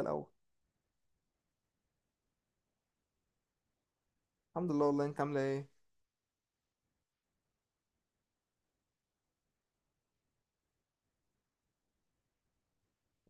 الاول. الحمد لله، والله انت عامله ايه؟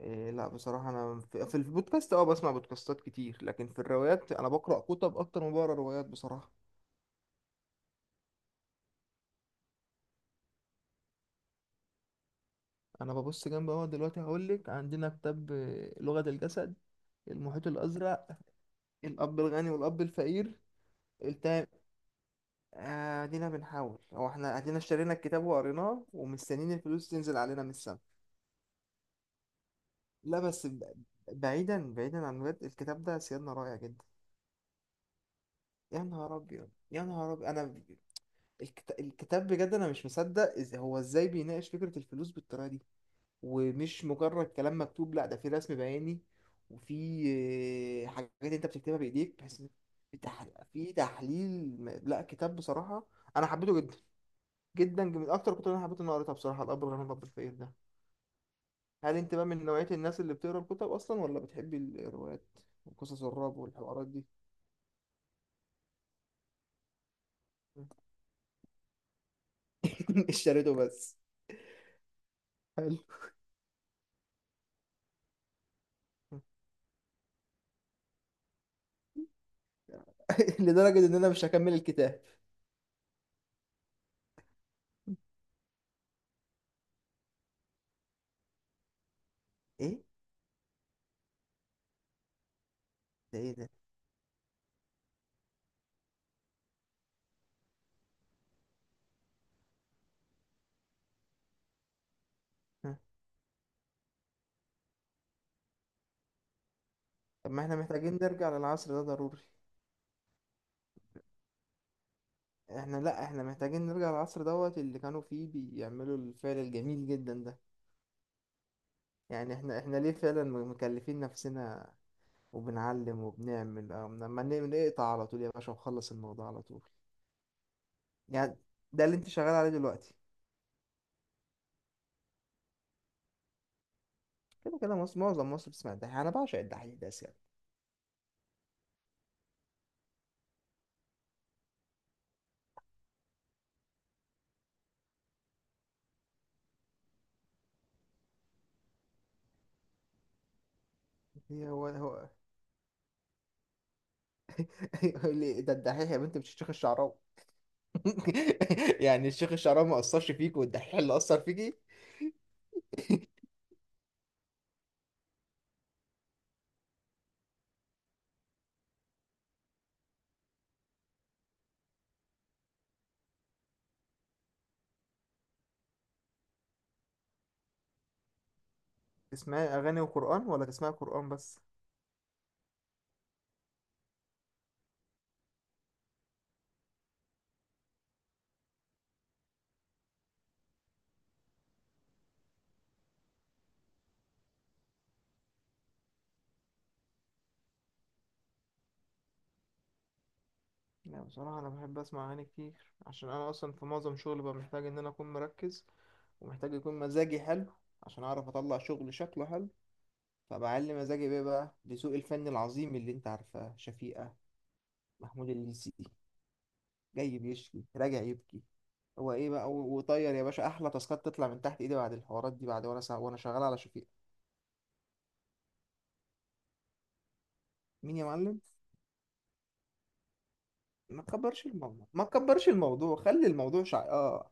إيه، لا بصراحه انا في البودكاست بسمع بودكاستات كتير، لكن في الروايات انا بقرا كتب اكتر ما بقرا روايات بصراحه. انا ببص جنب اهو دلوقتي هقول لك عندنا كتاب لغه الجسد، المحيط الازرق، الاب الغني والاب الفقير التام. ادينا بنحاول، هو احنا ادينا اشترينا الكتاب وقريناه ومستنيين الفلوس تنزل علينا من السما. لا بس بعيدا بعيدا عن الولاد، الكتاب ده سيادنا رائع جدا. يا نهار ابيض يا نهار ابيض، انا الكتاب بجد انا مش مصدق هو ازاي بيناقش فكرة الفلوس بالطريقة دي. ومش مجرد كلام مكتوب، لا ده في رسم بياني، وفي حاجات انت بتكتبها بايديك بحيث إن في تح- في تحليل لا كتاب بصراحة، انا حبيته جدا جدا، من اكتر الكتب اللي انا حبيت ان أنا قريتها بصراحة، الاب الغني والاب الفقير ده. هل انت بقى من نوعية الناس اللي بتقرا الكتب اصلا، ولا بتحبي الروايات وقصص الرعب والحوارات دي؟ اشتريته بس. حلو. لدرجة ان انا مش هكمل الكتاب. ايه ده، ايه ده؟ ها. طب ما احنا محتاجين نرجع للعصر ده ضروري. احنا، لا احنا محتاجين نرجع للعصر دوت اللي كانوا فيه بيعملوا الفعل الجميل جدا ده. يعني احنا ليه فعلا مكلفين نفسنا وبنعلم وبنعمل؟ اه، ما نقطع على طول يا باشا وخلص الموضوع على طول. يعني ده اللي انت شغال عليه دلوقتي؟ كده كده مصر، معظم مصر بتسمع الدحيح، انا بعشق الدحيح ده يعني. هي هو هو. يقول لي ده الدحيح يا بنت، مش الشيخ الشعراوي. يعني الشيخ الشعراوي ما اثرش فيك والدحيح اللي اثر فيكي؟ تسمعي أغاني وقرآن ولا تسمعي قرآن بس؟ لا بصراحة أنا بحب أسمع أغاني كتير. عشان أنا أصلا في معظم شغلي ببقى محتاج إن أنا أكون مركز ومحتاج يكون مزاجي حلو عشان أعرف أطلع شغل شكله حلو. فبعلي مزاجي بيه بقى لذوق الفن العظيم اللي أنت عارفاه، شفيقة، محمود الليثي، جاي بيشكي راجع يبكي، هو إيه بقى وطير يا باشا. أحلى تاسكات تطلع من تحت إيدي بعد الحوارات دي، بعد وأنا شغال على شفيقة. مين يا معلم؟ ما تكبرش الموضوع، ما تكبرش الموضوع، خلي الموضوع شع... آه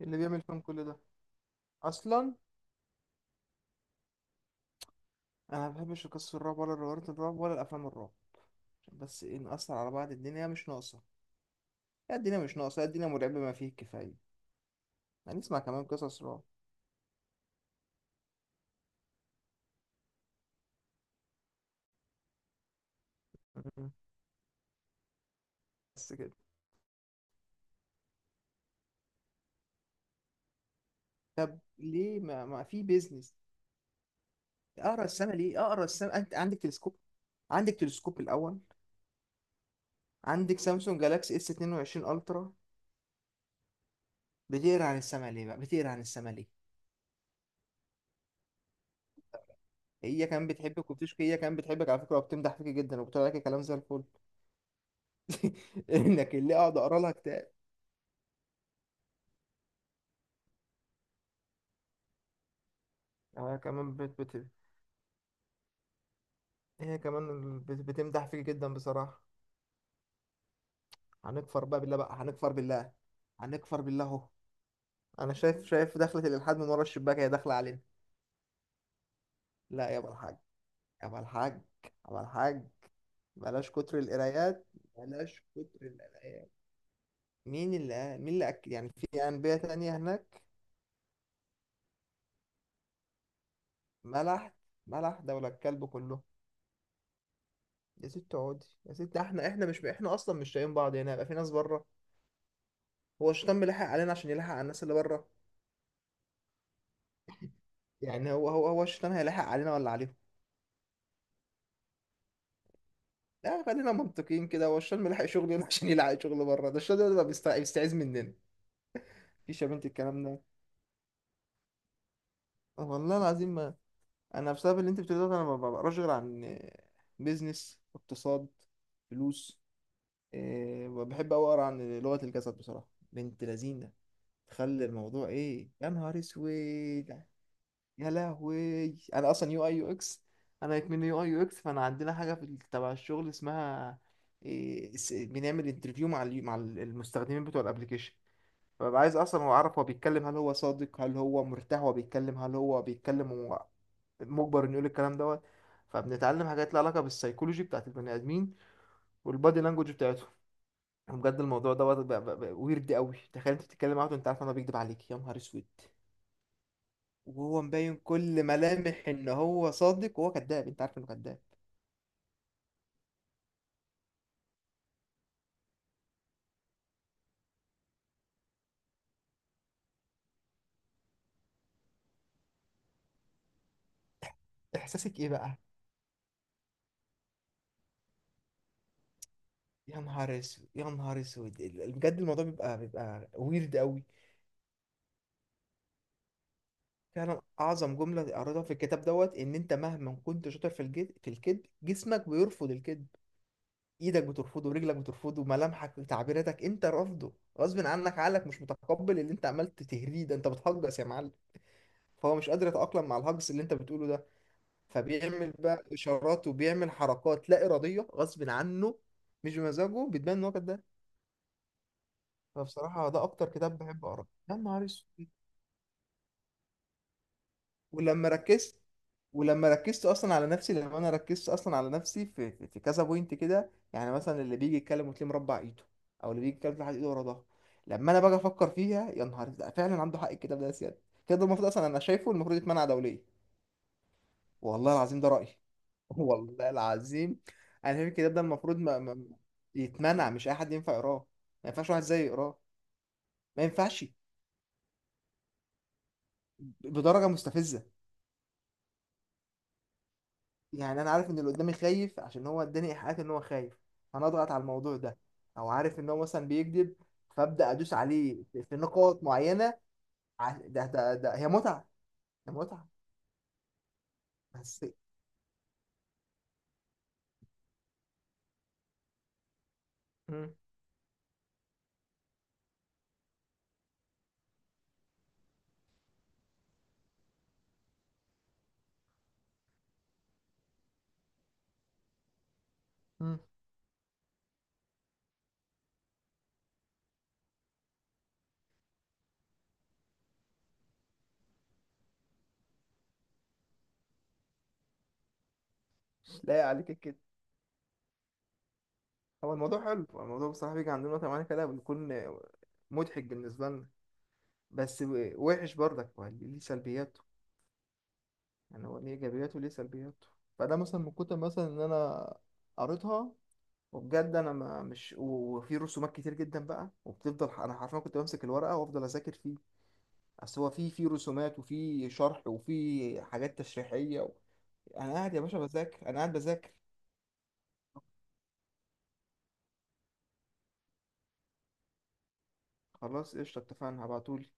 اللي بيعمل فيهم كل ده اصلا. انا ما بحبش قصص الرعب ولا روايات الرعب ولا الافلام الرعب، عشان بس ايه نأثر على بعض، الدنيا مش ناقصه. يا الدنيا مش ناقصه يا الدنيا مرعبه ما فيه الكفايه، هنسمع كمان قصص رعب. مم. بس كده؟ طب ليه ما في بيزنس اقرا السنه؟ ليه اقرا السنه؟ انت عندك تلسكوب؟ عندك تلسكوب الاول؟ عندك سامسونج جالاكسي اس 22 الترا؟ بتقرا عن السما ليه بقى، بتقرا عن السما ليه؟ هي كمان بتحبك وبتشكي، هي كمان بتحبك على فكره وبتمدح فيك جدا وبتقول لك كلام زي الفل. انك اللي اقعد اقرا لها كتاب. أنا كمان بت، هي كمان بتمدح فيك جدا بصراحة. هنكفر بقى بالله بقى، هنكفر بالله، هنكفر بالله اهو. انا شايف، شايف دخلة الالحاد من ورا الشباك هي داخلة علينا. لا يابا الحاج، يابا الحاج، يابا الحاج، بلاش كتر القرايات، بلاش كتر القرايات. مين اللي اكد يعني في انبياء تانية هناك؟ ملح، ملح دولة الكلب كله. يا ست اقعدي يا ست، احنا احنا مش احنا اصلا مش شايفين بعض هنا، يبقى في ناس بره؟ هو الشيطان بيلحق علينا عشان يلحق على الناس اللي بره؟ يعني هو الشيطان هيلحق علينا ولا عليهم؟ لا خلينا منطقيين كده، هو الشام لحق شغل هنا؟ عشان يلحق شغل بره؟ ده الشام ده بيبقى بيستعيذ مننا. مفيش يا بنت الكلام ده، والله العظيم ما انا بسبب اللي انت بتقوله ده انا ما بقراش غير عن بيزنس، اقتصاد، فلوس. إيه، بحب أوي اقرا عن لغة الجسد بصراحة، بنت لذينة تخلي الموضوع ايه، يا نهار اسود. يا لهوي. انا اصلا يو اي يو اكس، انا من يو اي يو اكس، فانا عندنا حاجه في تبع الشغل اسمها إيه بنعمل انترفيو مع المستخدمين بتوع الابليكيشن. فببقى عايز اصلا اعرف هو بيتكلم، هل هو صادق، هل هو مرتاح وهو بيتكلم، هل هو بيتكلم وهو مجبر انه يقول الكلام دوت. فبنتعلم حاجات لها علاقه بالسيكولوجي بتاعت البني ادمين والبادي لانجوج بتاعتهم. وبجد الموضوع دوت بقى ويرد قوي، تخيل انت بتتكلم معاه وانت عارف ان هو بيكذب عليك، يا نهار اسود. وهو مبين كل ملامح ان هو صادق وهو كذاب، انت عارف انه كذاب. احساسك ايه بقى؟ يا نهار اسود يا نهار اسود، بجد الموضوع بيبقى ويرد قوي. فعلا اعظم جمله قريتها في الكتاب دوت ان انت مهما كنت شاطر في الجد في الكذب، جسمك بيرفض الكذب. ايدك بترفضه ورجلك بترفضه، ملامحك وتعبيراتك انت رافضه، غصب عنك، عقلك مش متقبل اللي انت عملت تهريه ده، انت بتهجس يا معلم. فهو مش قادر يتأقلم مع الهجس اللي انت بتقوله ده، فبيعمل بقى اشارات وبيعمل حركات لا اراديه غصب عنه، مش بمزاجه، بتبان ان هو كده. فبصراحه ده اكتر كتاب بحب اقراه، يا نهار اسود. ولما ركزت ولما ركزت اصلا على نفسي، لما انا ركزت اصلا على نفسي في, كذا بوينت كده، يعني مثلا اللي بيجي يتكلم وتلاقيه مربع ايده، او اللي بيجي يتكلم تلاقي ايده ورا ظهره. لما انا باجي افكر فيها، يا نهار ده فعلا عنده حق الكتاب ده. يا سيادة الكتاب ده المفروض اصلا، انا شايفه المفروض يتمنع دوليا، والله العظيم ده رأيي. والله العظيم انا شايف الكتاب ده المفروض ما... ما... يتمنع، مش اي حد ينفع يقراه، ما ينفعش واحد زيي يقراه. ما ينفعش، بدرجه مستفزه. يعني انا عارف ان اللي قدامي خايف، عشان هو اداني ايحاءات ان هو خايف، انا اضغط على الموضوع ده. او عارف ان هو مثلا بيكذب، فابدا ادوس عليه في نقاط معينه. ده هي متعه، هي متعه بس. مم. مم. لا عليك كده. هو الموضوع حلو، هو الموضوع بصراحه بيجي عندنا وقت معينه كده بنكون مضحك بالنسبه لنا، بس وحش برضك، ما ليه، ليه سلبياته. يعني هو ليه ايجابياته وليه سلبياته. فده مثلا من كتر مثلا ان انا قريتها، وبجد انا ما مش و- وفي رسومات كتير جدا بقى، وبتفضل انا حرفيا كنت بمسك الورقه وافضل اذاكر فيه. اصل هو في رسومات وفي شرح وفي حاجات تشريحيه و... انا قاعد يا باشا بذاكر، انا قاعد بذاكر. خلاص قشطه، اتفقنا، هبعتولي.